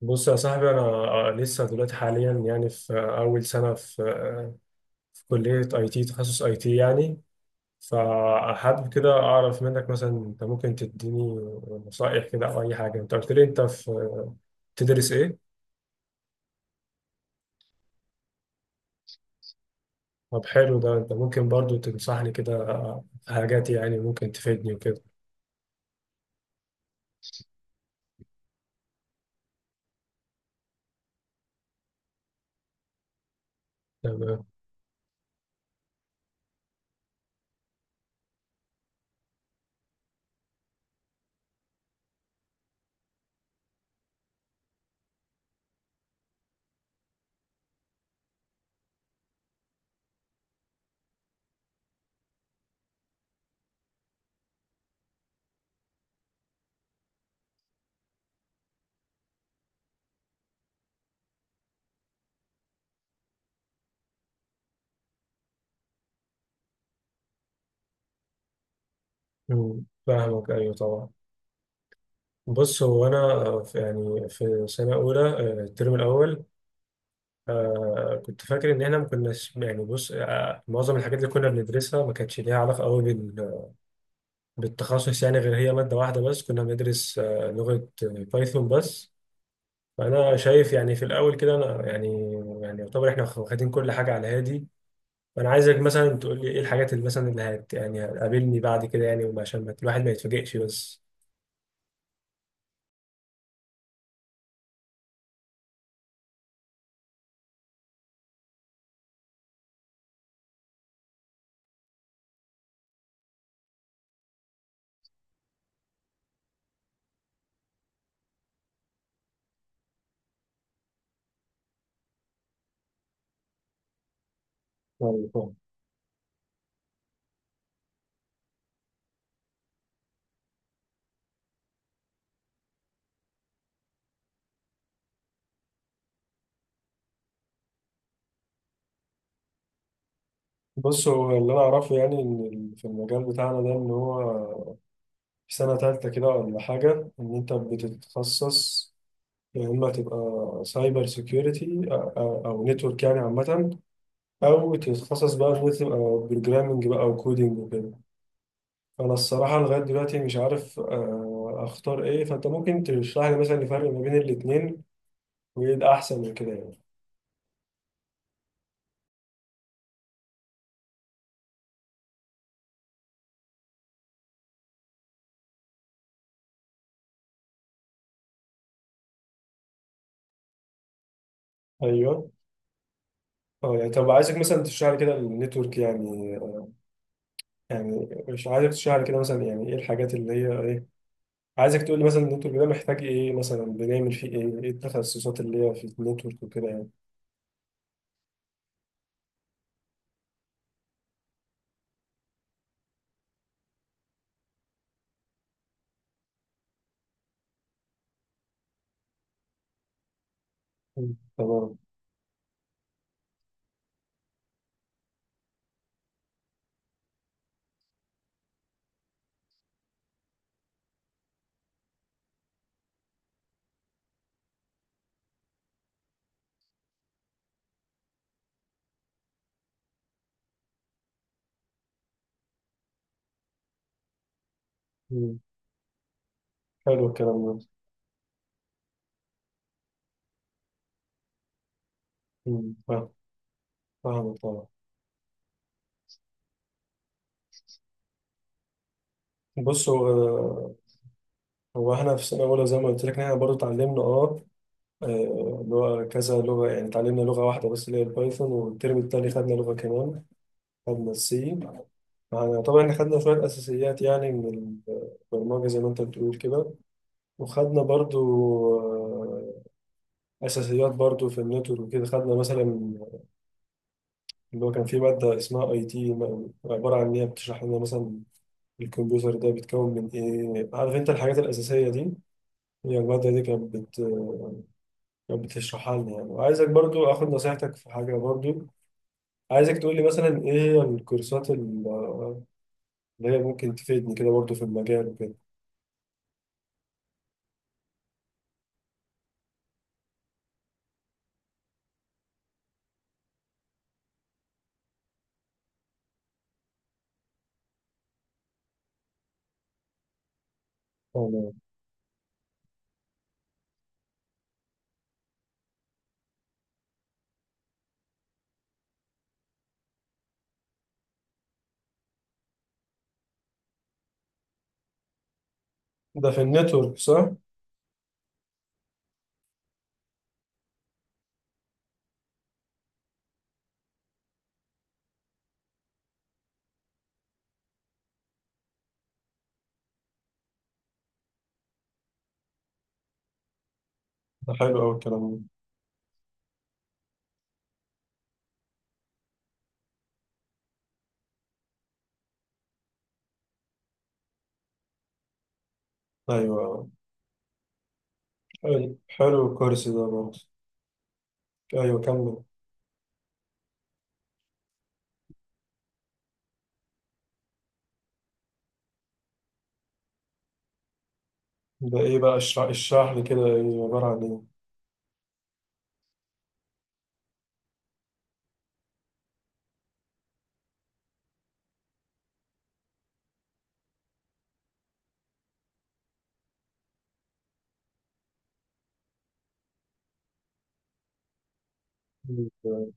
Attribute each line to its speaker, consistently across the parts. Speaker 1: بص يا صاحبي، انا لسه دلوقتي حاليا يعني في اول سنه في كليه اي تي، تخصص اي تي يعني. فحابب كده اعرف منك مثلا، انت ممكن تديني نصائح كده او اي حاجه. انت قلت لي انت تدرس ايه؟ طب حلو، ده انت ممكن برضو تنصحني كده في حاجات يعني ممكن تفيدني وكده. تمام. مم. فاهمك، ايوه طبعا. بص هو انا يعني في سنه اولى، الترم الاول. كنت فاكر ان احنا ما كناش يعني، بص معظم الحاجات اللي كنا بندرسها ما كانتش ليها علاقه قوي بالتخصص يعني. غير هي ماده واحده بس كنا بندرس لغه، بايثون بس. فانا شايف يعني في الاول كده، انا يعني يعتبر احنا واخدين كل حاجه على هادي. فانا عايزك مثلا تقول لي ايه الحاجات اللي مثلا اللي هت يعني هتقابلني بعد كده، يعني وعشان الواحد ما يتفاجئش بس. أيوة فاهم. بص هو اللي انا اعرفه يعني ان في المجال بتاعنا ده، ان هو في سنة تالتة كده ولا حاجة إن أنت بتتخصص. يا إما تبقى سايبر سيكيورتي، أو نتورك يعني عامة، أو تتخصص بقى تبقى بروجرامنج بقى أو كودينج وكده. أنا الصراحة لغاية دلوقتي مش عارف أختار إيه. فأنت ممكن تشرح لي مثلا الفرق ما بين الاتنين، وإيه الأحسن من كده يعني. أيوه. يعني طب عايزك مثلا تشرح لي كده النتورك يعني. يعني مش عايزك تشرح لي كده مثلا يعني إيه الحاجات اللي هي إيه. عايزك تقول لي مثلا النتورك ده محتاج ايه، مثلا بنعمل فيه ايه، ايه التخصصات اللي هي في النتورك وكده يعني. مم. تمام. مم. حلو الكلام ده. مم. فاهم. فاهم طبعا. بص هو احنا في سنه اولى، زي ما قلت لك إن احنا برضه اتعلمنا لغه كذا لغه يعني. اتعلمنا لغه واحده بس اللي هي البايثون، والترم التاني خدنا لغه كمان، خدنا السي. يعني طبعا احنا خدنا شويه اساسيات يعني من البرمجه زي ما انت بتقول كده. وخدنا برضه آه، اساسيات برضو في النتورك وكده. خدنا مثلا اللي هو كان في ماده اسمها اي تي، عباره عن ان هي بتشرح لنا مثلا الكمبيوتر ده بيتكون من ايه، عارف انت الحاجات الاساسيه دي. هي الماده دي كانت بتشرحها لنا يعني. وعايزك برضو اخد نصيحتك في حاجه برضو. عايزك تقول لي مثلا ايه هي الكورسات اللي هي ممكن تفيدني كده برضو في المجال وكده. تمام. ده في النتورك صح؟ ده حلو أوي الكلام ده. أيوه. حلو حلو الكورس ده برضه. أيوه كمل. ده ايه بقى؟ اشرح اشرح لي كده يعني، عبارة عن ايه. مم.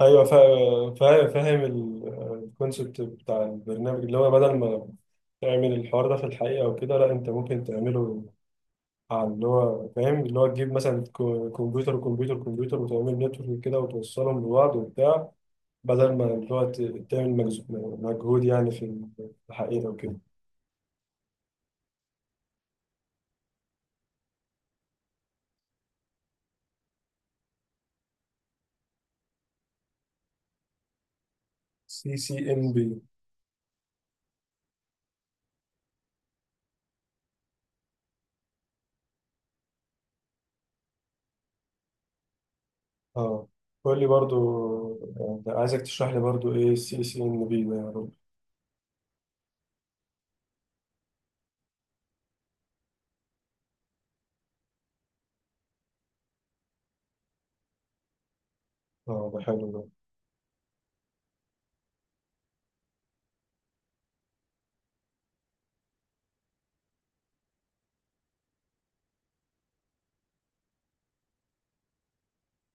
Speaker 1: ايوه فاهم الكونسبت بتاع البرنامج، اللي هو بدل ما تعمل الحوار ده في الحقيقة وكده، لا انت ممكن تعمله على اللي هو فاهم. اللي هو تجيب مثلا كمبيوتر وكمبيوتر وكمبيوتر، وتعمل نتورك كده وتوصلهم لبعض وبتاع، بدل ما اللي هو تعمل مجهود يعني في الحقيقة وكده. سي سي ام بي. اه قول لي برضو، يعني عايزك تشرح لي برضو ايه السي سي ام بي ده، يا رب. اه ده حلو ده.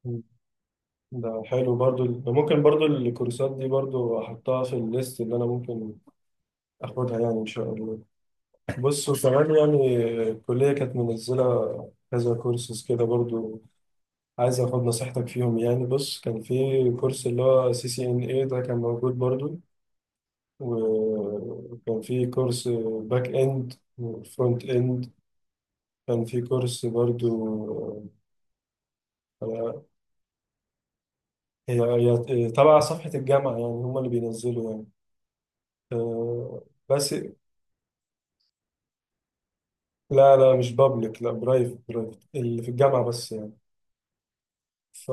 Speaker 1: مم. ده حلو برضو ده، ممكن برضو الكورسات دي برضو احطها في الليست اللي انا ممكن اخدها يعني ان شاء الله. بص وكمان يعني الكلية كانت منزلة كذا كورسز كده برضو. عايز اخد نصيحتك فيهم يعني. بص كان في كورس اللي هو سي سي ان اي ده كان موجود برضو، وكان في كورس باك اند وفرونت اند، كان في كورس برضو آه، هي هي تبع صفحة الجامعة يعني، هم اللي بينزلوا يعني آه، بس. لا لا مش بابليك، لا برايفت برايفت اللي في الجامعة بس يعني. ف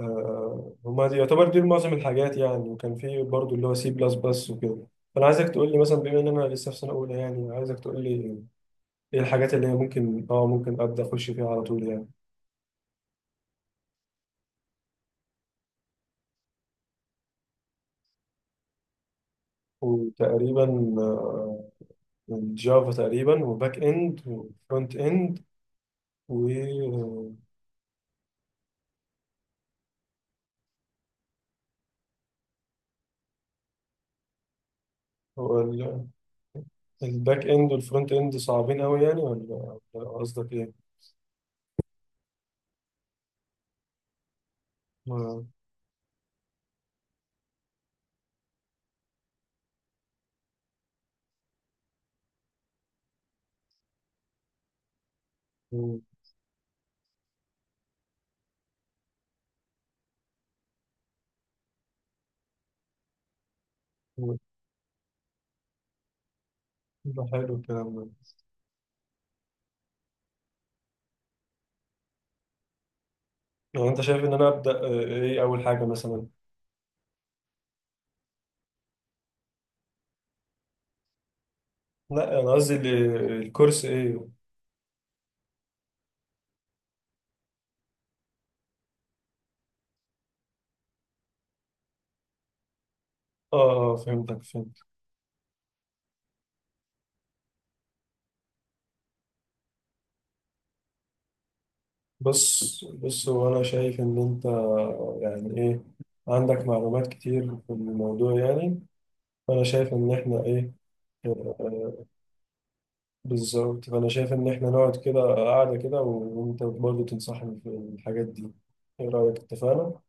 Speaker 1: آه، هما دي يعتبر دي معظم الحاجات يعني، وكان في برضو اللي هو سي بلس بلس وكده. فأنا عايزك تقول لي مثلا بما إن أنا لسه في سنة أولى يعني. عايزك تقول لي إيه الحاجات اللي هي ممكن أبدأ أخش فيها على طول يعني. وتقريبا الجافا تقريبا، وباك إند وفرونت إند، و. هو الباك إند والفرونت إند صعبين أوي يعني، ولا، قصدك إيه؟ آه، مم. مم. ده حلو الكلام ده. لو انت شايف ان انا ابدا، ايه اول حاجه مثلا؟ لا انا قصدي الكورس ايه. اه اه فهمتك فهمت. بص بص هو انا شايف ان انت يعني ايه، عندك معلومات كتير في الموضوع يعني. فانا شايف ان احنا ايه. آه، آه، بالظبط. فانا شايف ان احنا نقعد كده قاعده كده، وانت برضه تنصحني في الحاجات دي. ايه رايك، اتفقنا؟